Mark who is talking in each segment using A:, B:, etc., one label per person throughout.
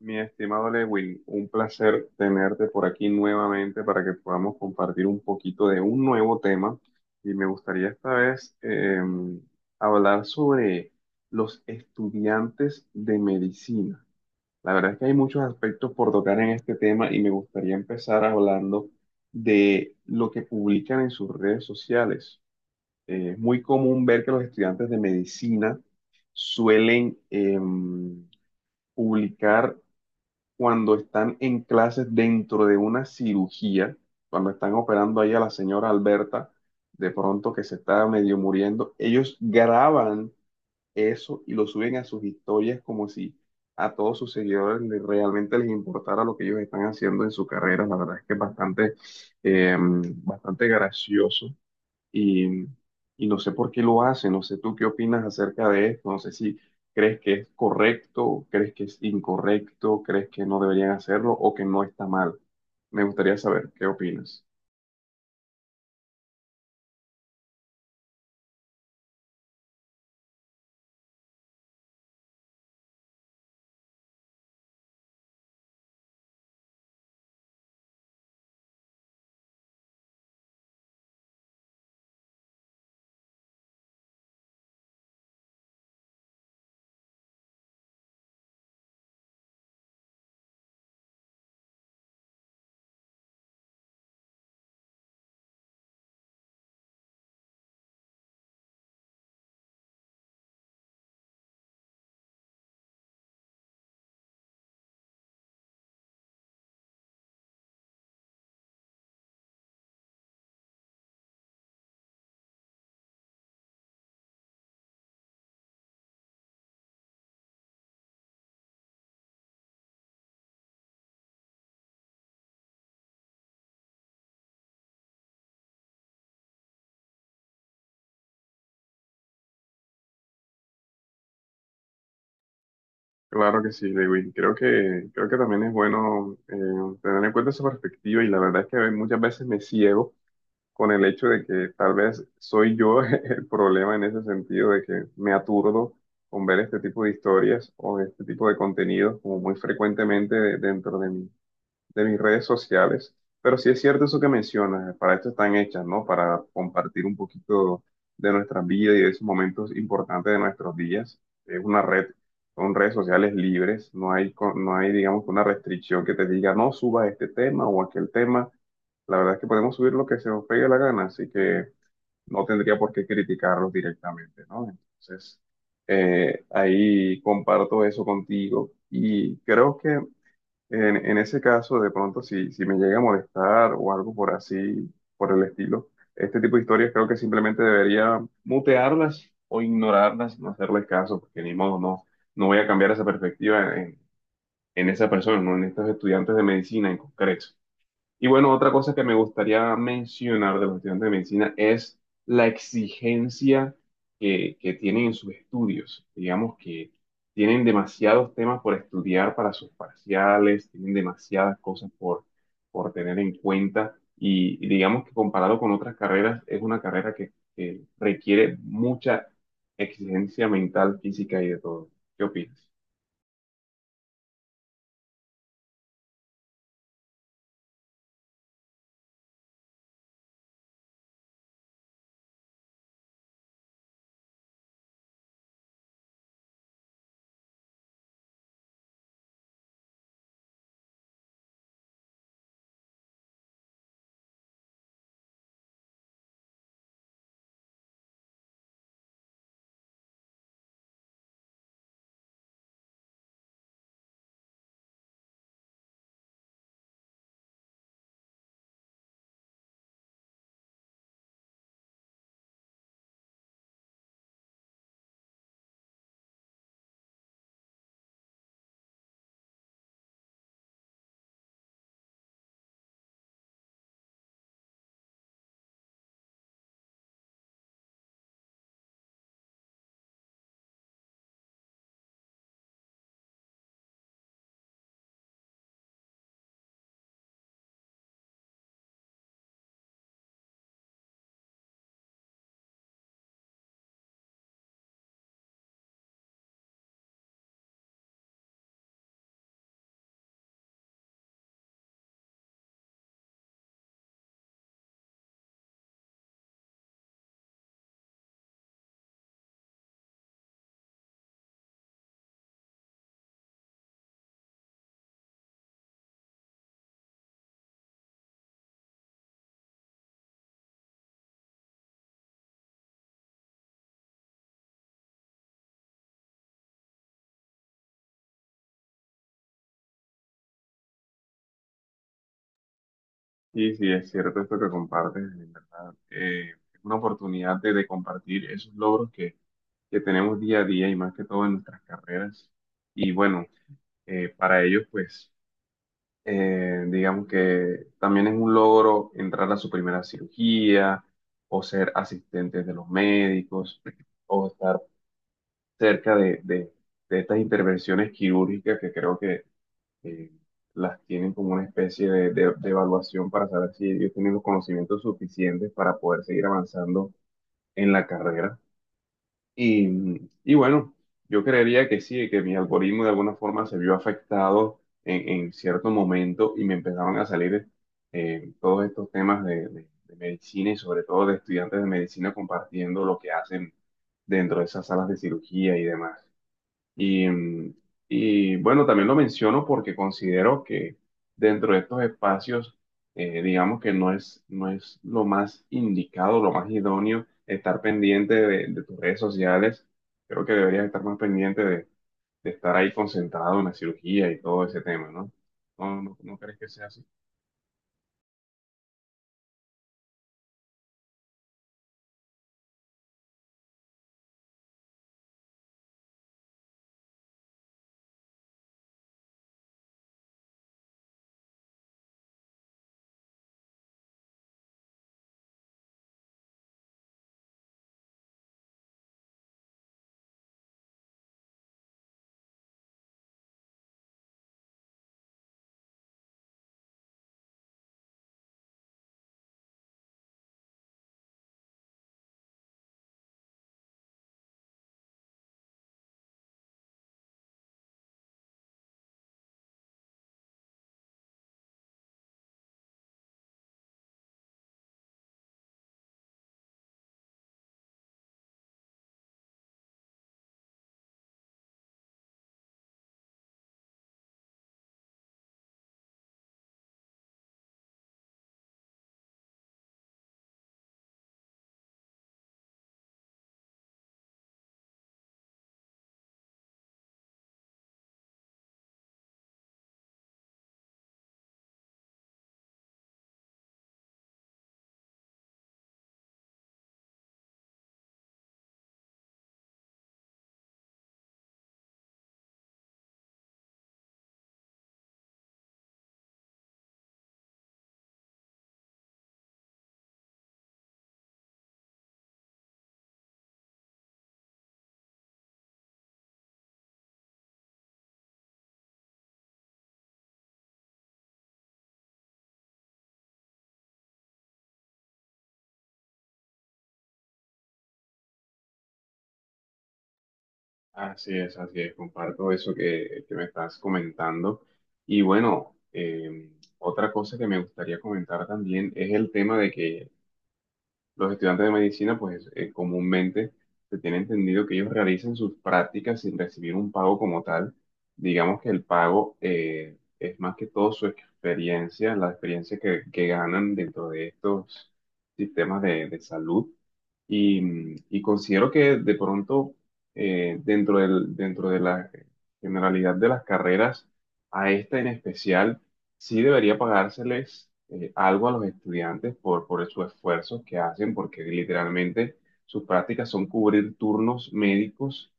A: Mi estimado Lewin, un placer tenerte por aquí nuevamente para que podamos compartir un poquito de un nuevo tema. Y me gustaría esta vez hablar sobre los estudiantes de medicina. La verdad es que hay muchos aspectos por tocar en este tema y me gustaría empezar hablando de lo que publican en sus redes sociales. Es muy común ver que los estudiantes de medicina suelen publicar cuando están en clases dentro de una cirugía, cuando están operando ahí a la señora Alberta, de pronto que se está medio muriendo, ellos graban eso y lo suben a sus historias como si a todos sus seguidores realmente les importara lo que ellos están haciendo en su carrera. La verdad es que es bastante, bastante gracioso y, y no sé por qué lo hace, no sé tú qué opinas acerca de esto, no sé si crees que es correcto, crees que es incorrecto, crees que no deberían hacerlo o que no está mal. Me gustaría saber qué opinas. Claro que sí, Lewin. Creo que también es bueno tener en cuenta esa perspectiva y la verdad es que muchas veces me ciego con el hecho de que tal vez soy yo el problema en ese sentido de que me aturdo con ver este tipo de historias o este tipo de contenidos como muy frecuentemente dentro de mí de mis redes sociales, pero sí es cierto eso que mencionas, para esto están hechas, ¿no? Para compartir un poquito de nuestras vidas y de esos momentos importantes de nuestros días. Es una red, son redes sociales libres, no hay, no hay, digamos, una restricción que te diga, no suba este tema o aquel tema. La verdad es que podemos subir lo que se nos pegue la gana, así que no tendría por qué criticarlos directamente, ¿no? Entonces, ahí comparto eso contigo y creo que en ese caso, de pronto, si me llega a molestar o algo por así, por el estilo, este tipo de historias creo que simplemente debería mutearlas o ignorarlas, no hacerles caso, porque ni modo, no, no voy a cambiar esa perspectiva en esa persona, ¿no? En estos estudiantes de medicina en concreto. Y bueno, otra cosa que me gustaría mencionar de los estudiantes de medicina es la exigencia que tienen en sus estudios. Digamos que tienen demasiados temas por estudiar para sus parciales, tienen demasiadas cosas por tener en cuenta y digamos que comparado con otras carreras, es una carrera que requiere mucha exigencia mental, física y de todo. ¿Qué opinas? Sí, sí, es cierto esto que compartes, en verdad. Es una oportunidad de compartir esos logros que tenemos día a día y más que todo en nuestras carreras. Y bueno, para ellos, pues, digamos que también es un logro entrar a su primera cirugía o ser asistentes de los médicos o estar cerca de estas intervenciones quirúrgicas que creo que eh, las tienen como una especie de evaluación para saber si ellos tienen los conocimientos suficientes para poder seguir avanzando en la carrera. Y bueno, yo creería que sí, que mi algoritmo de alguna forma se vio afectado en cierto momento y me empezaron a salir todos estos temas de medicina y sobre todo de estudiantes de medicina compartiendo lo que hacen dentro de esas salas de cirugía y demás. Y, mm, y bueno, también lo menciono porque considero que dentro de estos espacios, digamos que no es lo más indicado, lo más idóneo estar pendiente de tus redes sociales. Creo que deberías estar más pendiente de estar ahí concentrado en la cirugía y todo ese tema, ¿no? ¿No, no, no crees que sea así? Así es, comparto eso que me estás comentando. Y bueno, otra cosa que me gustaría comentar también es el tema de que los estudiantes de medicina, pues comúnmente se tiene entendido que ellos realizan sus prácticas sin recibir un pago como tal. Digamos que el pago es más que todo su experiencia, la experiencia que ganan dentro de estos sistemas de salud. Y, y considero que de pronto, dentro del, dentro de la generalidad de las carreras, a esta en especial, sí debería pagárseles algo a los estudiantes por sus esfuerzos que hacen, porque literalmente sus prácticas son cubrir turnos médicos,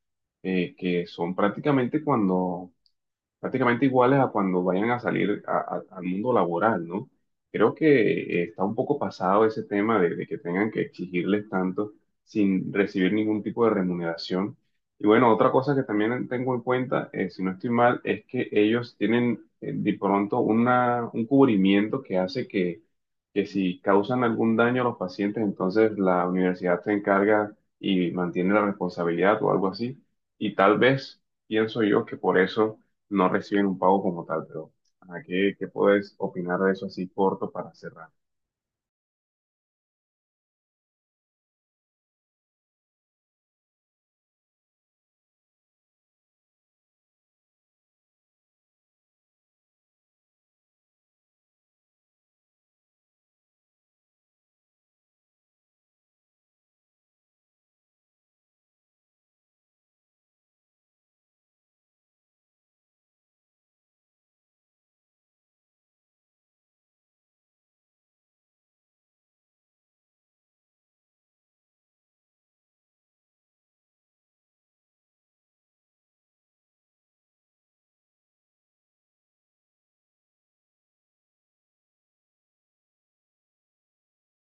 A: que son prácticamente iguales a cuando vayan a salir al mundo laboral, ¿no? Creo que está un poco pasado ese tema de que tengan que exigirles tanto sin recibir ningún tipo de remuneración. Y bueno, otra cosa que también tengo en cuenta, si no estoy mal, es que ellos tienen de pronto una, un cubrimiento que hace que si causan algún daño a los pacientes, entonces la universidad se encarga y mantiene la responsabilidad o algo así. Y tal vez pienso yo que por eso no reciben un pago como tal, pero ¿a qué, qué puedes opinar de eso así corto para cerrar?